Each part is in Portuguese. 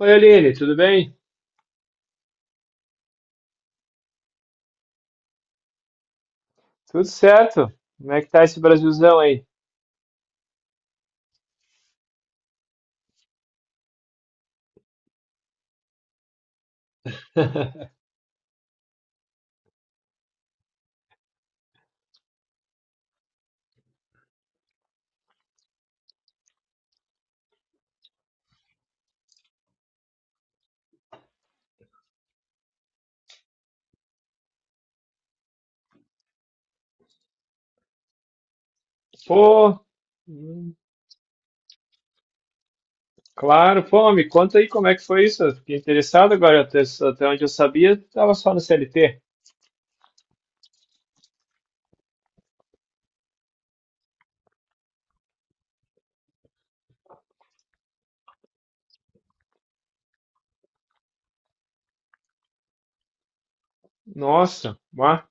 Oi, Aline, tudo bem? Tudo certo? Como é que tá esse Brasilzão aí? Pô, hum, claro, pô, me conta aí como é que foi isso. Eu fiquei interessado agora, até onde eu sabia, estava só no CLT. Nossa, bah,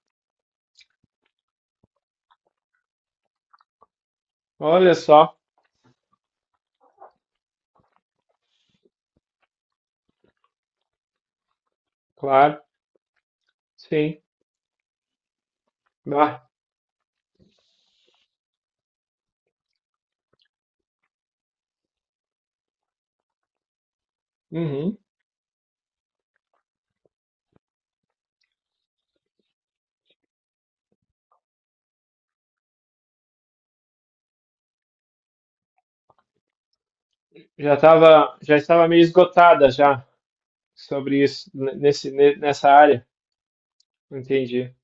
olha só, claro, sim, bah, uhum. Já estava meio esgotada já sobre isso, nessa área, entendi,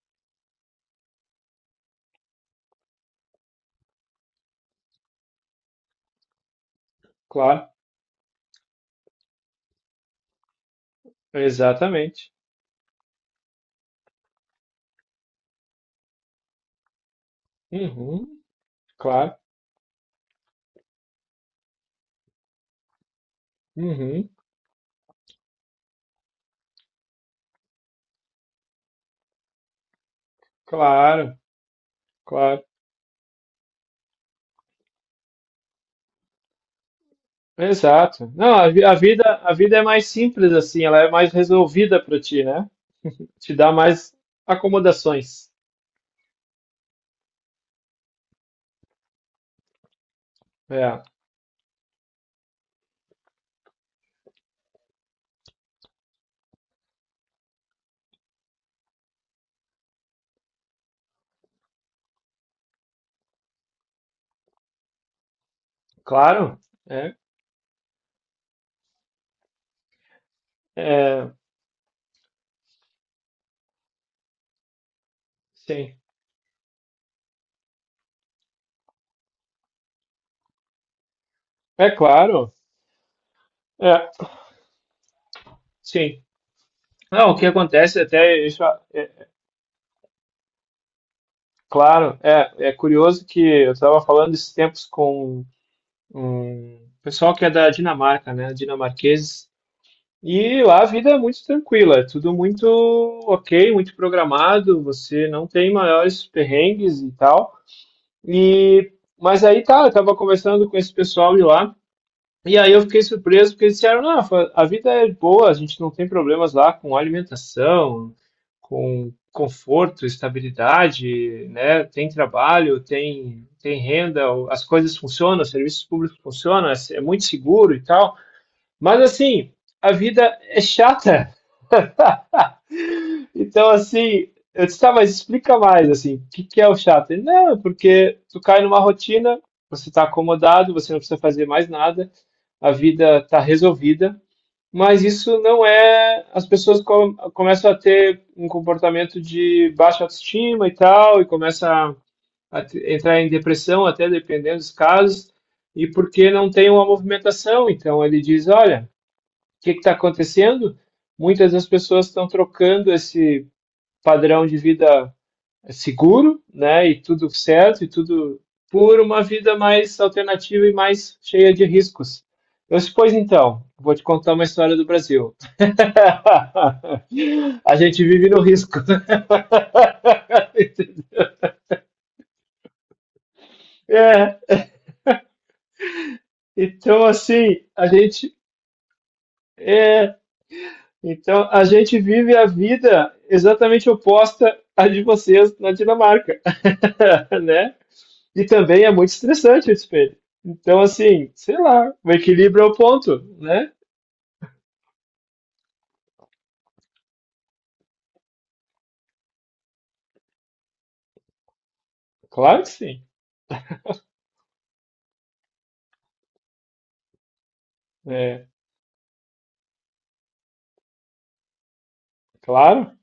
claro, exatamente, uhum, claro, uhum, claro, claro. Exato. Não, a vida é mais simples assim, ela é mais resolvida para ti, né? Te dá mais acomodações. É, claro. É, é, sim. É claro. É, sim. Não, o que acontece até isso, claro, é curioso que eu estava falando esses tempos com um pessoal que é da Dinamarca, né? Dinamarqueses. E lá a vida é muito tranquila, é tudo muito ok, muito programado, você não tem maiores perrengues e tal. E mas aí tá, eu tava conversando com esse pessoal de lá, e aí eu fiquei surpreso porque eles disseram: "Não, Rafa, a vida é boa, a gente não tem problemas lá com alimentação, com conforto, estabilidade, né? Tem trabalho, tem renda, as coisas funcionam, os serviços públicos funcionam, é muito seguro e tal". Mas assim, a vida é chata. Então, assim, eu disse, tá, mas explica mais, assim, o que que é o chato? Ele, não, é porque tu cai numa rotina, você tá acomodado, você não precisa fazer mais nada, a vida tá resolvida, mas isso não é. As pessoas começam a ter um comportamento de baixa autoestima e tal, e começam a, entrar em depressão, até dependendo dos casos, e porque não tem uma movimentação. Então, ele diz: olha, o que que tá acontecendo? Muitas das pessoas estão trocando esse padrão de vida seguro, né? E tudo certo, e tudo por uma vida mais alternativa e mais cheia de riscos. Eu pois então, vou te contar uma história do Brasil. A gente vive no risco. é, então assim, a gente é, então a gente vive a vida exatamente oposta à de vocês na Dinamarca, né? E também é muito estressante o espelho. Então, assim, sei lá, o equilíbrio é o ponto, né? Claro que sim. É, claro,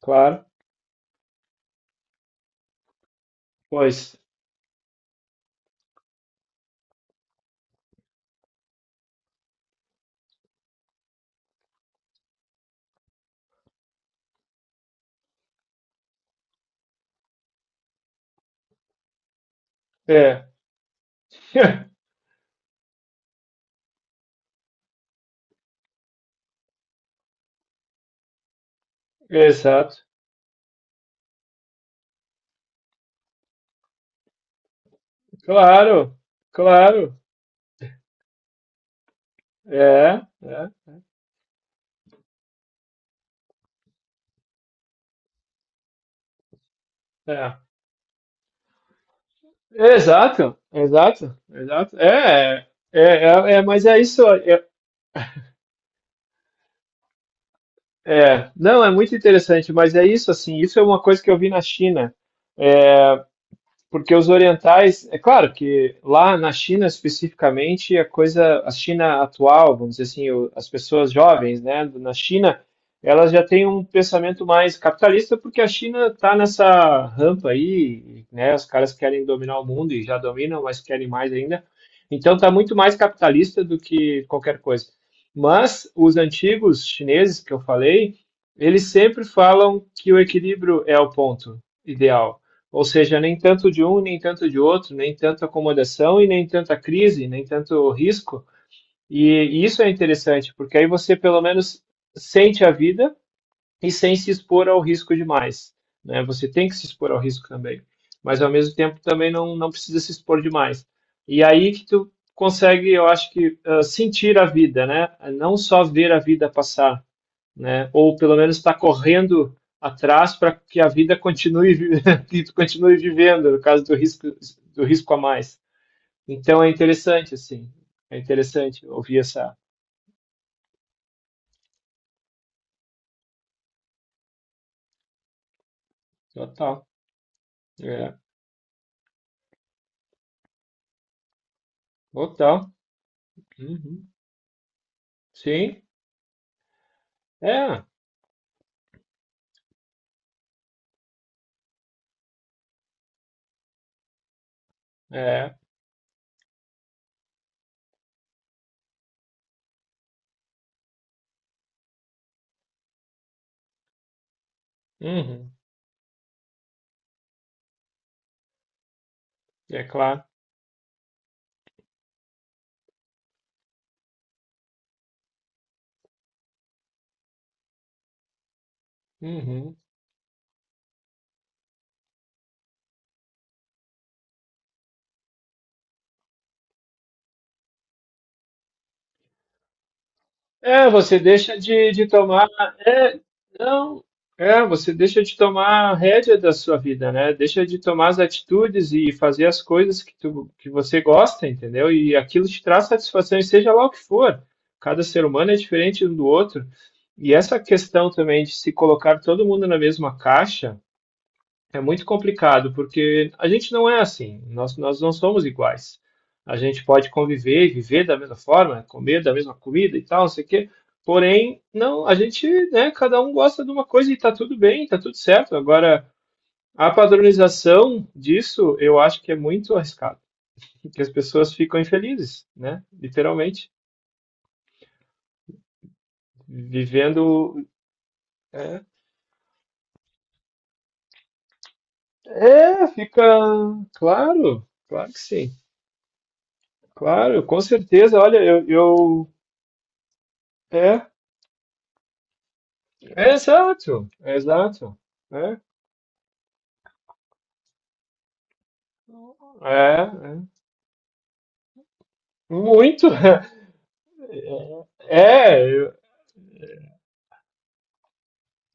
claro. Pois, é. Exato. Claro, claro. É, é, é. Exato, exato, exato. Mas é isso. Não, é muito interessante, mas é isso, assim. Isso é uma coisa que eu vi na China. Porque os orientais, é claro que lá na China especificamente, a coisa, a China atual, vamos dizer assim, as pessoas jovens, né, na China, elas já têm um pensamento mais capitalista, porque a China está nessa rampa aí, né, os caras querem dominar o mundo e já dominam, mas querem mais ainda. Então está muito mais capitalista do que qualquer coisa. Mas os antigos chineses que eu falei, eles sempre falam que o equilíbrio é o ponto ideal. Ou seja, nem tanto de um, nem tanto de outro, nem tanto acomodação e nem tanta crise, nem tanto risco. E isso é interessante, porque aí você pelo menos sente a vida e sem se expor ao risco demais. Né? Você tem que se expor ao risco também, mas ao mesmo tempo também não precisa se expor demais. E aí que tu consegue, eu acho que, sentir a vida, né? Não só ver a vida passar, né? Ou pelo menos está correndo atrás para que a vida continue que tu continue vivendo, no caso do risco a mais. Então é interessante assim, é interessante ouvir essa total, é, total, uhum. Sim, é, é, uhum. É claro, uhum. É, você deixa de tomar. É, não. É, você deixa de tomar a rédea da sua vida, né? Deixa de tomar as atitudes e fazer as coisas que, tu, que você gosta, entendeu? E aquilo te traz satisfação, e seja lá o que for. Cada ser humano é diferente um do outro. E essa questão também de se colocar todo mundo na mesma caixa. É muito complicado, porque a gente não é assim, nós não somos iguais. A gente pode conviver e viver da mesma forma, comer da mesma comida e tal, não sei o quê. Porém, não, a gente, né, cada um gosta de uma coisa e tá tudo bem, tá tudo certo. Agora, a padronização disso, eu acho que é muito arriscado, porque as pessoas ficam infelizes, né? Literalmente, vivendo, é, é, fica, claro, claro que sim. Claro, com certeza. Olha, eu é, Exato, exato. É, é, é. Muito. É,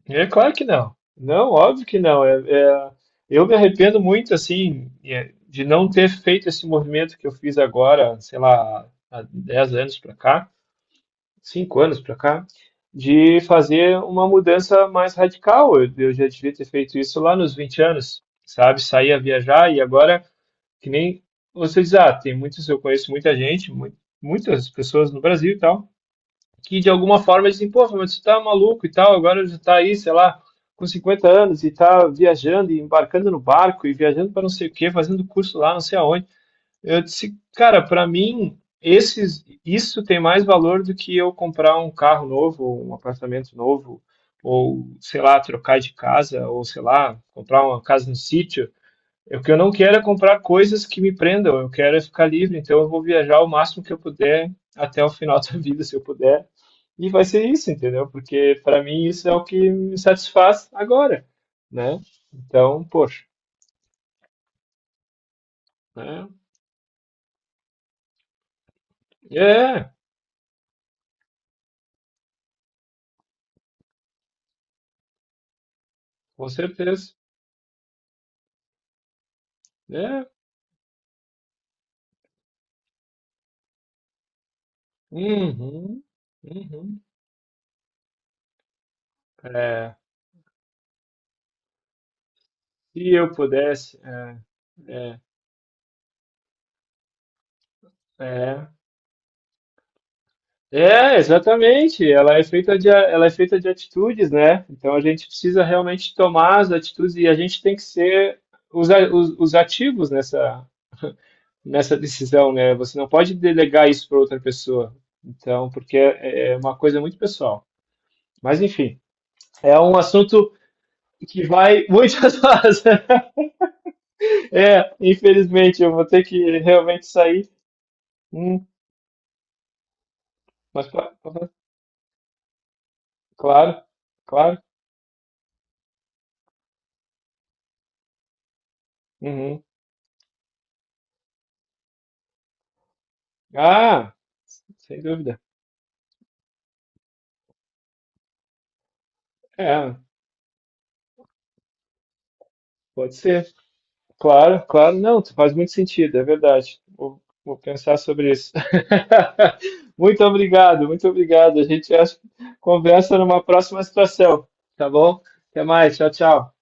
é claro que não. Não, óbvio que não. Eu me arrependo muito, assim, é, de não ter feito esse movimento que eu fiz agora, sei lá, há 10 anos para cá, 5 anos para cá, de fazer uma mudança mais radical. Eu já devia ter feito isso lá nos 20 anos, sabe? Sair a viajar e agora. Que nem vocês, ah, tem muitos, eu conheço muita gente, muitas pessoas no Brasil e tal, que de alguma forma dizem, pô, mas você tá maluco e tal, agora já tá aí, sei lá, com 50 anos e tá viajando e embarcando no barco e viajando para não sei o quê, fazendo curso lá, não sei aonde. Eu disse, cara, para mim, esses, isso tem mais valor do que eu comprar um carro novo, ou um apartamento novo, ou, sei lá, trocar de casa, ou, sei lá, comprar uma casa no sítio, o que eu não quero é comprar coisas que me prendam, eu quero é ficar livre, então eu vou viajar o máximo que eu puder até o final da vida, se eu puder. E vai ser isso, entendeu? Porque para mim isso é o que me satisfaz agora, né? Então, poxa, né? É, com certeza. É. Uhum, uhum. É, se eu pudesse, é, é. É, exatamente. Ela é feita de, ela é feita de atitudes, né? Então a gente precisa realmente tomar as atitudes e a gente tem que ser os, os ativos nessa, nessa decisão, né? Você não pode delegar isso para outra pessoa. Então, porque é uma coisa muito pessoal. Mas enfim, é um assunto que vai muitas horas. É, infelizmente, eu vou ter que realmente sair. Hum, mas cla- claro, claro. Uhum. Ah, sem dúvida. É. Pode ser. Claro, claro. Não, faz muito sentido, é verdade. Vou, vou pensar sobre isso. Muito obrigado, muito obrigado. A gente acha- conversa numa próxima situação, tá bom? Até mais, tchau, tchau.